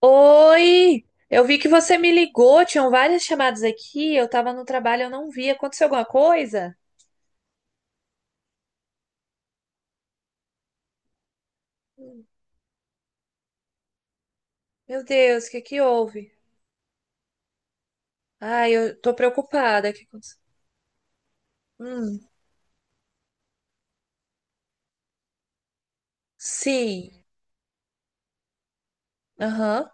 Oi! Eu vi que você me ligou, tinham várias chamadas aqui, eu tava no trabalho, eu não vi. Aconteceu alguma coisa? Hum. Meu Deus, o que que houve? Ai, eu tô preocupada. O que aconteceu? Hum. Sim. Aham.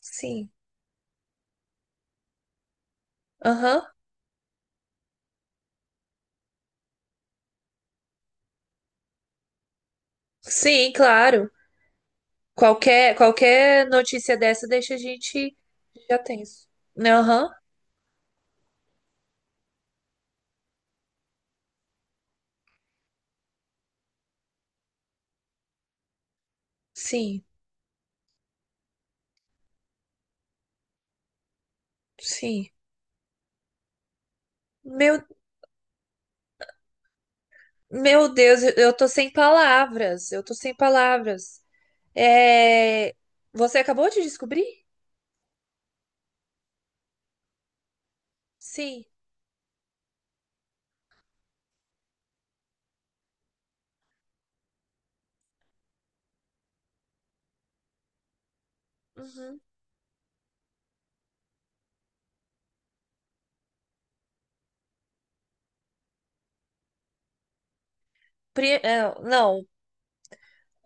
Sim. Aham. Sim, claro. Qualquer notícia dessa deixa a gente já tenso. Aham. Sim. Sim. Meu meu Deus, eu tô sem palavras. Eu tô sem palavras. É, Você acabou de descobrir? Sim. Uhum. Não,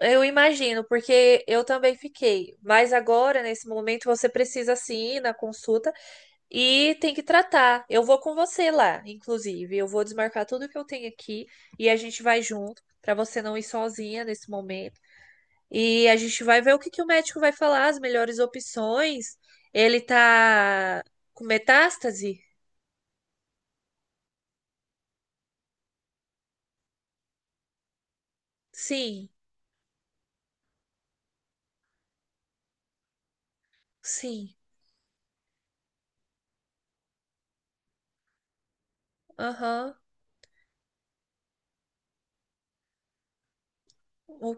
eu imagino, porque eu também fiquei. Mas agora, nesse momento, você precisa sim ir na consulta e tem que tratar. Eu vou com você lá, inclusive. Eu vou desmarcar tudo que eu tenho aqui e a gente vai junto, para você não ir sozinha nesse momento. E a gente vai ver o que que o médico vai falar, as melhores opções. Ele tá com metástase? Sim, sim. Aham. O-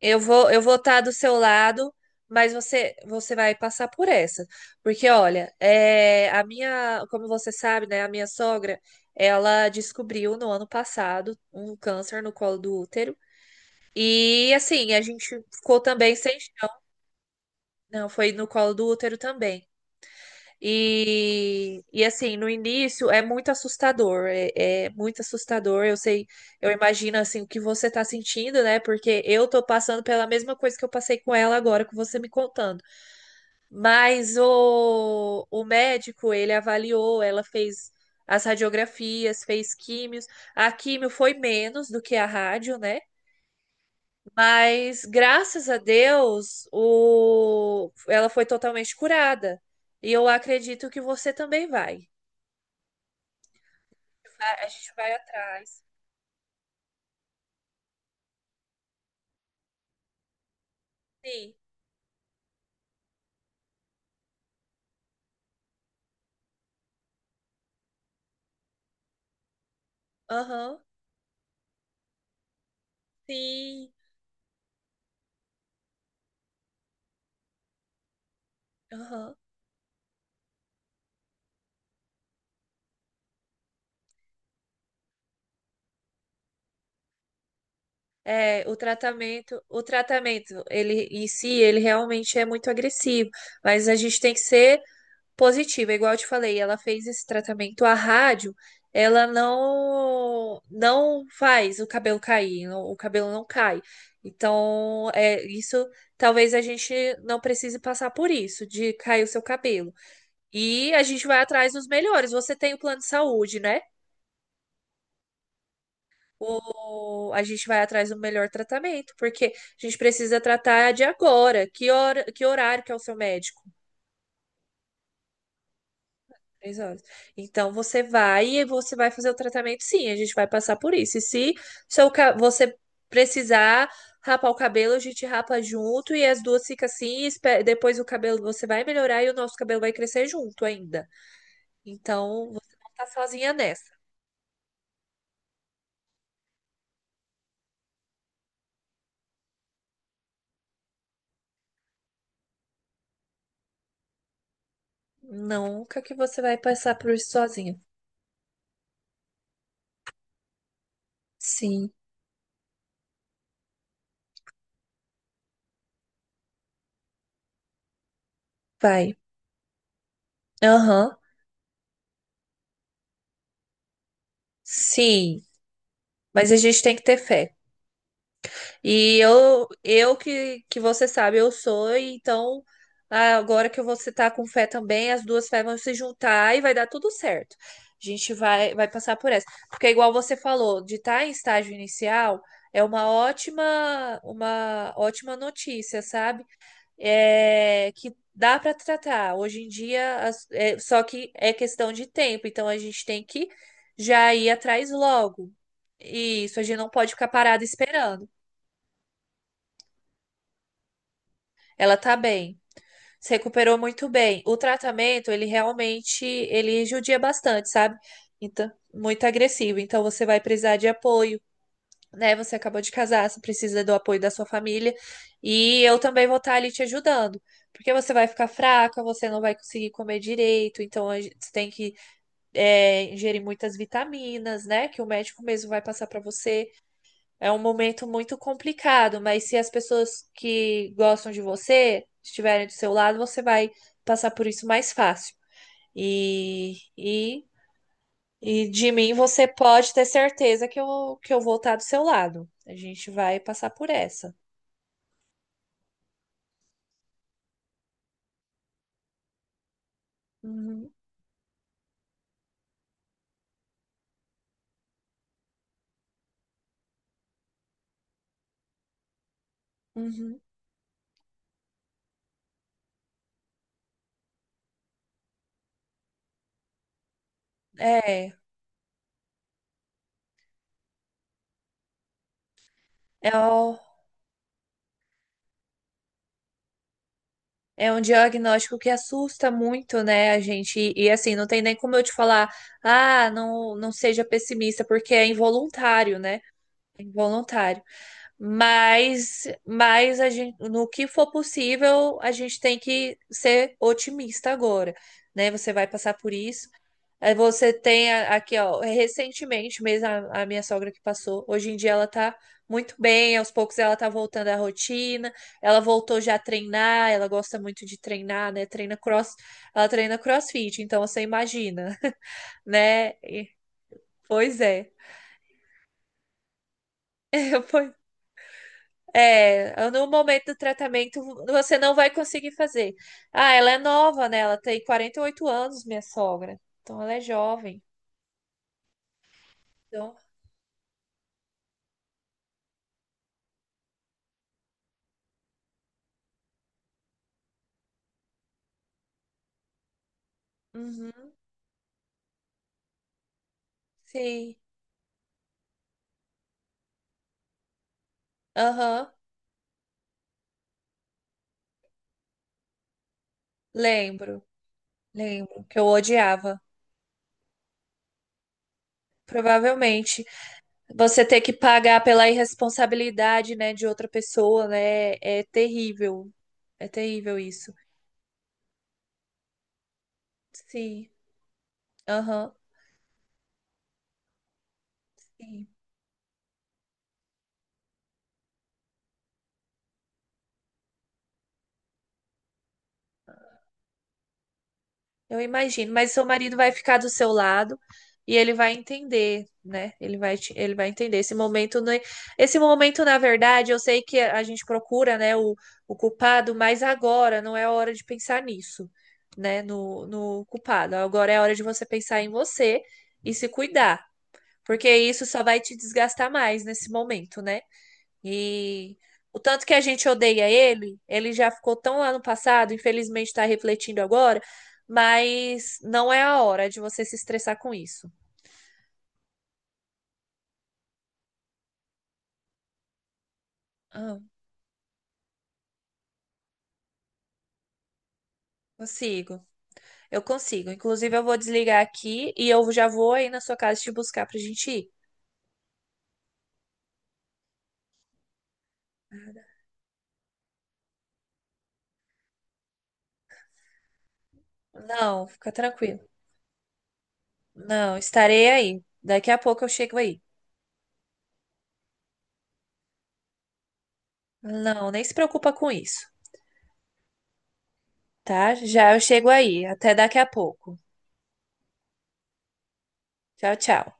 Eu vou estar do seu lado, mas você, você vai passar por essa. Porque, olha, é, a minha, como você sabe, né, a minha sogra, ela descobriu no ano passado um câncer no colo do útero. E assim, a gente ficou também sem chão. Não, foi no colo do útero também. E assim, no início é muito assustador, é, é muito assustador. Eu sei, eu imagino assim o que você tá sentindo, né? Porque eu tô passando pela mesma coisa que eu passei com ela agora, com você me contando. Mas o médico, ele avaliou, ela fez as radiografias, fez químios. A químio foi menos do que a rádio, né? Mas graças a Deus, o, ela foi totalmente curada. E eu acredito que você também vai. A gente vai atrás. Sim. Aham. Sim. Aham. É, o tratamento, ele em si, ele realmente é muito agressivo, mas a gente tem que ser positiva, igual eu te falei, ela fez esse tratamento, a rádio, ela não faz o cabelo cair, não- o cabelo não cai. Então, é isso, talvez a gente não precise passar por isso, de cair o seu cabelo. E a gente vai atrás dos melhores. Você tem o plano de saúde, né? o- A gente vai atrás do melhor tratamento, porque a gente precisa tratar de agora. Que hora, que horário que é o seu médico? Três horas. Então você vai e você vai fazer o tratamento, sim, a gente vai passar por isso. E se seu, ca- você precisar rapar o cabelo, a gente rapa junto e as duas ficam assim, e espe- depois o cabelo você vai melhorar e o nosso cabelo vai crescer junto ainda. Então você não tá sozinha nessa. Nunca que você vai passar por isso sozinha. Sim, vai. Aham. Sim, mas a gente tem que ter fé. E eu, eu que você sabe, eu sou, e então ah, agora que você tá com fé também, as duas fés vão se juntar e vai dar tudo certo. A gente vai, vai passar por essa. Porque igual você falou, de estar em estágio inicial é uma ótima notícia, sabe? É, que dá para tratar. Hoje em dia, as- é, só que é questão de tempo, então a gente tem que já ir atrás logo. Isso, a gente não pode ficar parado esperando. Ela tá bem, se recuperou muito bem. O tratamento, ele realmente, ele judia bastante, sabe? Então, muito agressivo. Então, você vai precisar de apoio. Né? Você acabou de casar, você precisa do apoio da sua família e eu também vou estar ali te ajudando. Porque você vai ficar fraca, você não vai conseguir comer direito, então a gente- você tem que ingerir muitas vitaminas, né? Que o médico mesmo vai passar para você. É um momento muito complicado, mas se as pessoas que gostam de você estiverem do seu lado, você vai passar por isso mais fácil. E, e e de mim você pode ter certeza que eu vou estar do seu lado. A gente vai passar por essa. Uhum, uhum. É, é, o- É um diagnóstico que assusta muito, né, a gente? Assim, não tem nem como eu te falar, ah, não, não seja pessimista, porque é involuntário, né? É involuntário. Mas a gente, no que for possível, a gente tem que ser otimista agora, né? Você vai passar por isso. Aí você tem a- aqui, ó, recentemente mesmo a minha sogra que passou. Hoje em dia ela tá muito bem, aos poucos ela tá voltando à rotina. Ela voltou já a treinar, ela gosta muito de treinar, né? Treina cross, ela treina CrossFit, então você imagina, né? E- pois é. É, no momento do tratamento você não vai conseguir fazer. Ah, ela é nova, né? Ela tem 48 anos, minha sogra. Então ela é jovem. Então, uhum, sim. Aham, lembro, lembro que eu odiava. Provavelmente você ter que pagar pela irresponsabilidade, né, de outra pessoa, né? É terrível. É terrível isso. Sim. Aham. Sim. Eu imagino, mas seu marido vai ficar do seu lado e ele vai entender, né? Ele vai, te- ele vai entender esse momento, né? Esse momento, na verdade, eu sei que a gente procura, né, o culpado, mas agora não é a hora de pensar nisso, né? No, no culpado. Agora é a hora de você pensar em você e se cuidar, porque isso só vai te desgastar mais nesse momento, né? E o tanto que a gente odeia ele, ele já ficou tão lá no passado, infelizmente está refletindo agora, mas não é a hora de você se estressar com isso. Ah, consigo. Eu consigo. Inclusive, eu vou desligar aqui e eu já vou aí na sua casa te buscar pra gente ir. Não, fica tranquilo. Não, estarei aí. Daqui a pouco eu chego aí. Não, nem se preocupa com isso, tá? Já eu chego aí. Até daqui a pouco. Tchau, tchau.